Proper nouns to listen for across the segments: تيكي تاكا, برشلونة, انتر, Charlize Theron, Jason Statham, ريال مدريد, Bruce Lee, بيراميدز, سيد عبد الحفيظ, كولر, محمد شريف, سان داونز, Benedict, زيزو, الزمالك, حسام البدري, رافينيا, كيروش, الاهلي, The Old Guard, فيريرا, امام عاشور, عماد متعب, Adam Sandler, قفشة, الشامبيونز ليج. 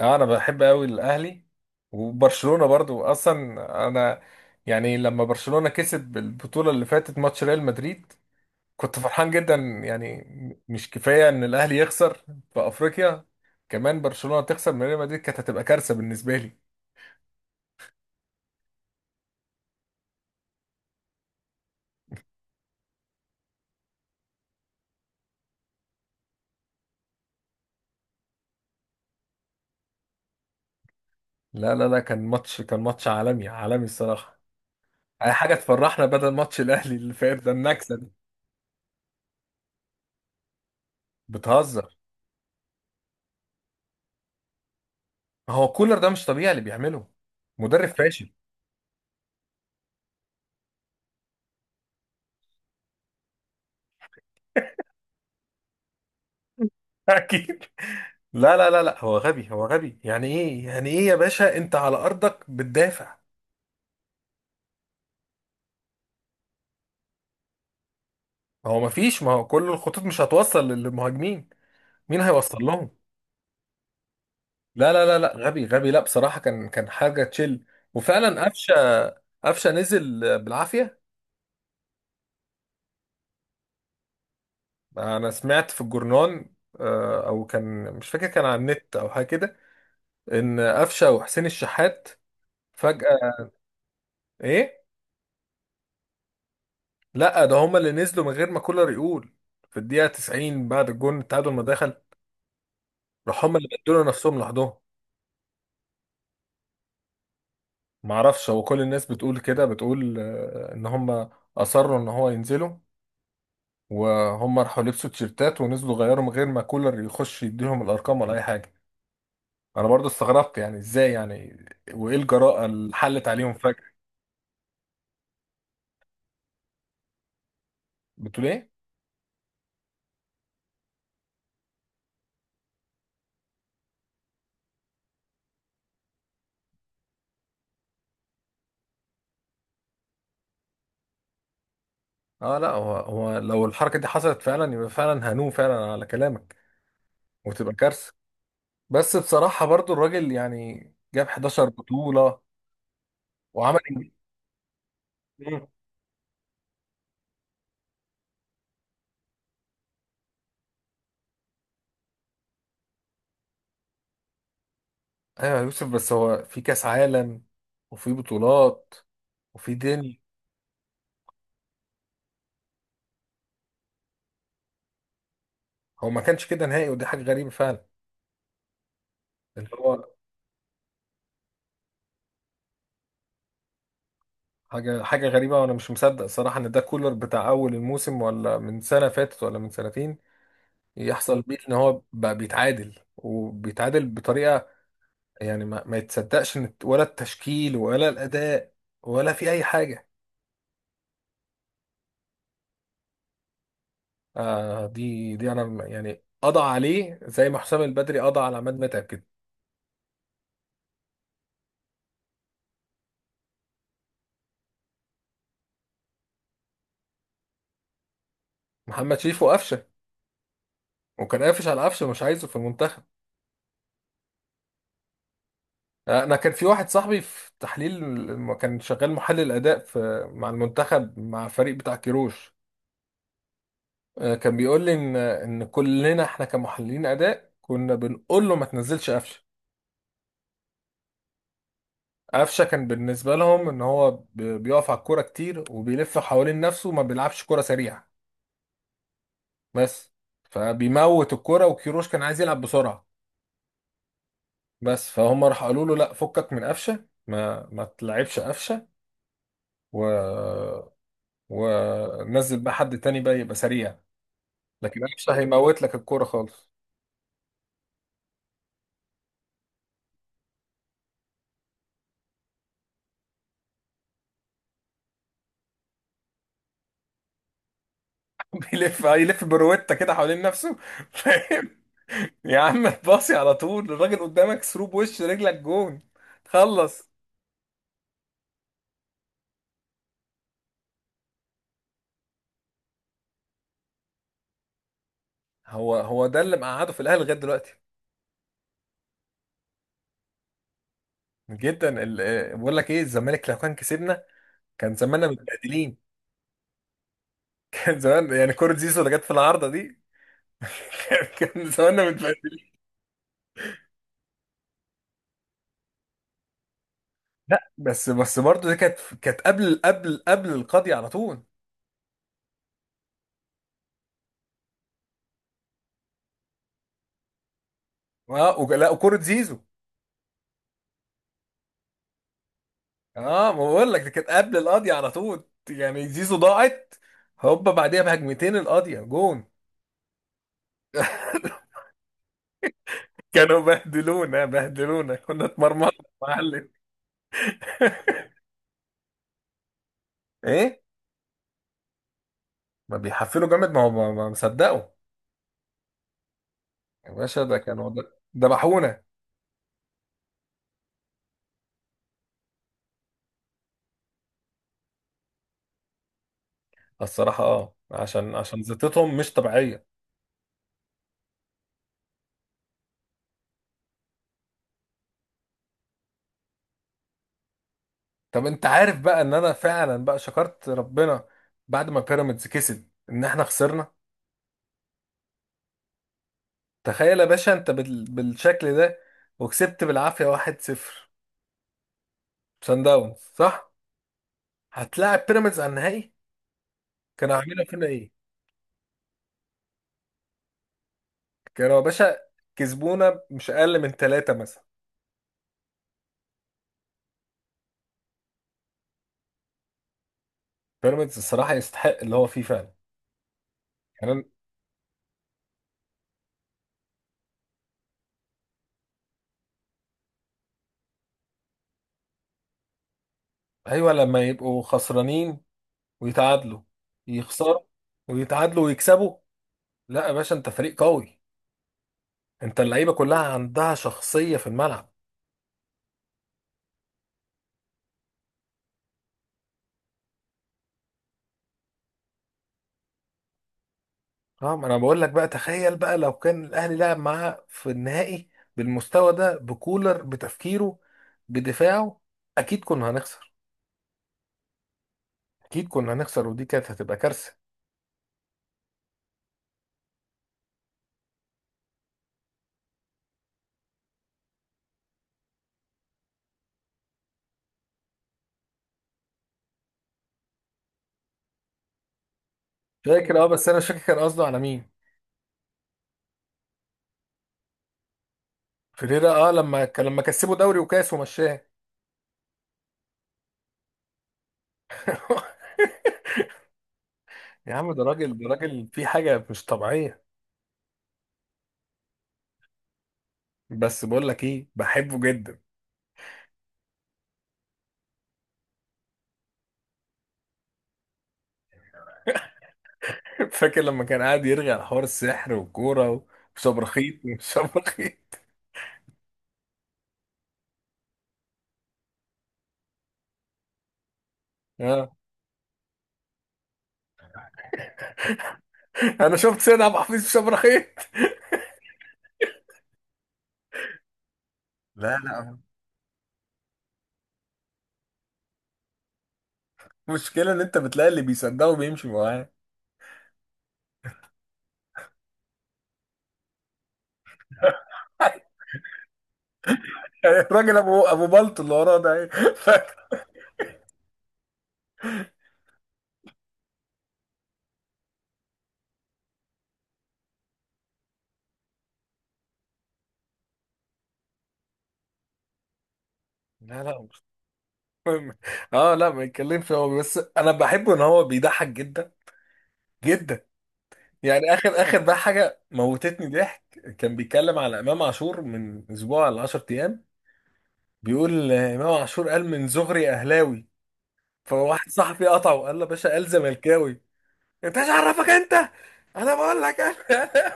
اه، انا بحب قوي الاهلي. وبرشلونة برضو اصلا. انا يعني لما برشلونة كسب البطولة اللي فاتت ماتش ريال مدريد كنت فرحان جدا يعني. مش كفاية ان الاهلي يخسر في افريقيا، كمان برشلونة تخسر من ريال مدريد كانت هتبقى كارثة بالنسبة لي. لا لا لا، كان ماتش عالمي عالمي الصراحة. اي حاجة تفرحنا بدل ماتش الاهلي اللي فات ده، النكسة دي. بتهزر؟ هو كولر ده مش طبيعي اللي بيعمله، مدرب فاشل. اكيد. لا لا لا لا، هو غبي هو غبي. يعني ايه يعني ايه يا باشا، انت على ارضك بتدافع. هو مفيش، ما هو كل الخطوط مش هتوصل للمهاجمين، مين هيوصل لهم؟ لا لا لا لا، غبي غبي، لا بصراحة كان حاجة تشيل. وفعلا قفشة نزل بالعافية. انا سمعت في الجورنان، او كان مش فاكر، كان على النت او حاجة كده، ان قفشة وحسين الشحات فجأة. ايه؟ لا، ده هما اللي نزلوا من غير ما كولر يقول، في الدقيقة 90 بعد الجون التعادل ما دخل، راح هم اللي بدلوا نفسهم لوحدهم. ما اعرفش، هو كل الناس بتقول كده، بتقول ان هم اصروا ان هو ينزلوا، وهم راحوا لبسوا تيشيرتات ونزلوا غيروا من غير ما كولر يخش يديهم الارقام ولا اي حاجه. انا برضو استغربت يعني، ازاي يعني؟ وايه الجراءه اللي حلت عليهم فجاه؟ بتقول ايه؟ اه لا، هو لو الحركه دي حصلت فعلا يبقى فعلا هنوم فعلا على كلامك، وتبقى كارثه. بس بصراحه برضو الراجل يعني جاب 11 بطوله وعمل إنجاز. ايوه يا يوسف، بس هو في كاس عالم، وفي بطولات، وفي دنيا. هو ما كانش كده نهائي، ودي حاجه غريبه فعلا. اللي هو حاجه غريبه، وانا مش مصدق صراحه ان ده كولر بتاع اول الموسم ولا من سنه فاتت ولا من سنتين، يحصل بيه ان هو بقى بيتعادل وبيتعادل بطريقه. يعني ما يتصدقش ولا التشكيل ولا الاداء ولا في اي حاجه. آه، دي انا يعني قضى عليه زي ما حسام البدري قضى على عماد متعب كده. محمد شريف وقفشه، وكان قافش على قفشه مش عايزه في المنتخب. انا كان في واحد صاحبي في تحليل، لما كان شغال محلل اداء في مع المنتخب، مع الفريق بتاع كيروش، كان بيقول لي ان كلنا احنا كمحللين اداء كنا بنقول له ما تنزلش قفشه. قفشه كان بالنسبه لهم ان هو بيقف على الكوره كتير وبيلف حوالين نفسه وما بيلعبش كوره سريعه بس، فبيموت الكوره، وكيروش كان عايز يلعب بسرعه بس. فهم راح قالوا له لا، فكك من قفشه، ما تلعبش قفشه. و ونزل بقى حد تاني بقى يبقى سريع، لكن قفشه هيموت لك الكوره خالص. بيلف، هيلف بروتة كده حوالين نفسه. فاهم؟ يا عم باصي على طول، الراجل قدامك، ثرو بوش رجلك جون، خلص. هو ده اللي مقعده في الاهلي لغايه دلوقتي. جدا. بقول لك ايه، الزمالك لو كان كسبنا كان زماننا متبهدلين. كان زمان يعني، كوره زيزو اللي جت في العارضه دي، كان، كان زماننا متبهدلين. لا، بس برضه دي كانت، كانت قبل قبل قبل القاضي على طول. اه لا، وكوره زيزو، اه ما بقول لك، دي كانت قبل القاضية على طول. يعني زيزو ضاعت، هوبا بعديها بهجمتين القاضية جون. كانوا بهدلونا بهدلونا، كنا اتمرمطنا يا معلم. ايه؟ ما بيحفلوا جامد، ما هو ما مصدقوا. يا باشا ده كانوا ذبحونا. الصراحة اه، عشان عشان زيطتهم مش طبيعية. طب انت عارف بقى ان انا فعلا بقى شكرت ربنا بعد ما بيراميدز كسب ان احنا خسرنا. تخيل يا باشا انت بال... بالشكل ده، وكسبت بالعافية 1-0، سان داونز، صح؟ هتلاعب بيراميدز على النهائي، كانوا عاملين فينا ايه؟ كانوا يا باشا كسبونا مش اقل من ثلاثة مثلا. بيراميدز الصراحة يستحق اللي هو فيه فعلا. يعني أنا. ايوه، لما يبقوا خسرانين ويتعادلوا، يخسروا ويتعادلوا ويكسبوا، لا يا باشا، انت فريق قوي، انت اللعيبة كلها عندها شخصية في الملعب. اه، ما انا بقول لك بقى، تخيل بقى لو كان الاهلي لعب معاه في النهائي بالمستوى ده، بكولر، بتفكيره، بدفاعه، اكيد كنا هنخسر. اكيد كنا هنخسر، ودي كانت هتبقى كارثه. فاكر اه، بس انا مش فاكر كان قصده على مين. فيريرا، اه لما كان، لما كسبوا دوري وكاس ومشاه. يا عم ده راجل، ده راجل في حاجه مش طبيعيه. بس بقول لك ايه، بحبه جدا. فاكر لما كان قاعد يرغي على حوار السحر والكوره، وشبرخيط وشبرخيط. اه انا شفت سيد عبد الحفيظ في شبرخيط. لا لا، المشكله ان انت بتلاقي اللي بيصدقه بيمشي معاه. الراجل ابو بلط اللي وراه ده ايه؟ لا لا، اه لا ما يتكلمش، هو بس انا بحبه ان هو بيضحك جدا جدا. يعني اخر، اخر بقى حاجه موتتني ضحك، كان بيتكلم على امام عاشور من اسبوع ل 10 ايام، بيقول امام عاشور قال من زهري اهلاوي، فواحد صاحبي قطعه وقال له يا باشا قال زملكاوي، انت ايش عرفك انت؟ انا بقول لك انا.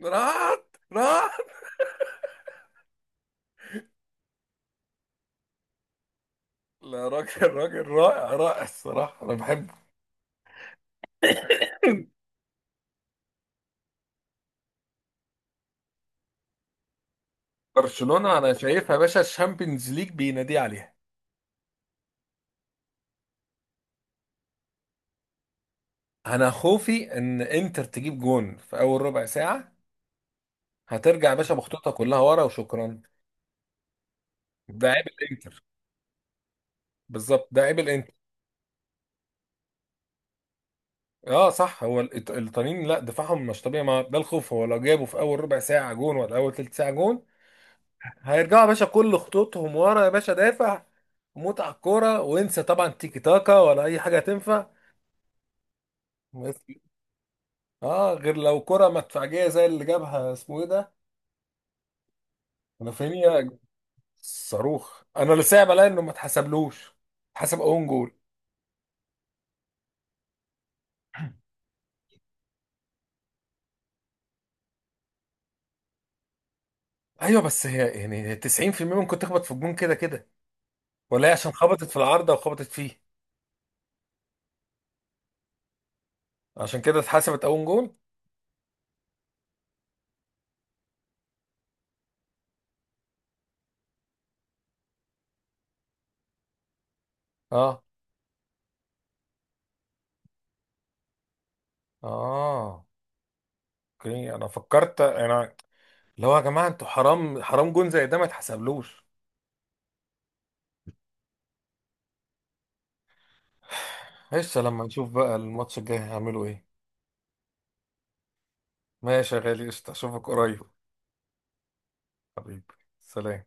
رعت رعت. لا راجل، راجل رائع رائع الصراحه، انا بحبه. برشلونه انا شايفها يا باشا الشامبيونز ليج بينادي عليها. انا خوفي ان انتر تجيب جون في اول ربع ساعه، هترجع يا باشا بخطوطها كلها ورا وشكرا. ده عيب الانتر. بالظبط، ده عيب الانتر. اه صح، هو الايطاليين لا دفاعهم مش طبيعي. ما ده الخوف، هو لو جابوا في اول ربع ساعه جون ولا اول تلت ساعه جون، هيرجعوا يا باشا كل خطوطهم ورا، يا باشا دافع، موت على الكوره وانسى طبعا تيكي تاكا ولا اي حاجه تنفع. اه، غير لو كرة مدفعجيه زي اللي جابها اسمه ايه ده. رافينيا. صاروخ، انا لسه بلاقي انه ما اتحسبلوش. حسب اون جول. ايوه بس هي يعني 90% ممكن تخبط في الجون كده كده، ولا هي عشان خبطت في العارضه وخبطت فيه. عشان كده اتحسبت اون جول. اه، اه اوكي. انا فكرت انا، اللي هو يا جماعه انتوا حرام، حرام جون زي ده ما اتحسبلوش. قشطه، لما نشوف بقى الماتش الجاي هيعملوا ايه. ماشي يا غالي، قشطه، اشوفك قريب. حبيبي، سلام.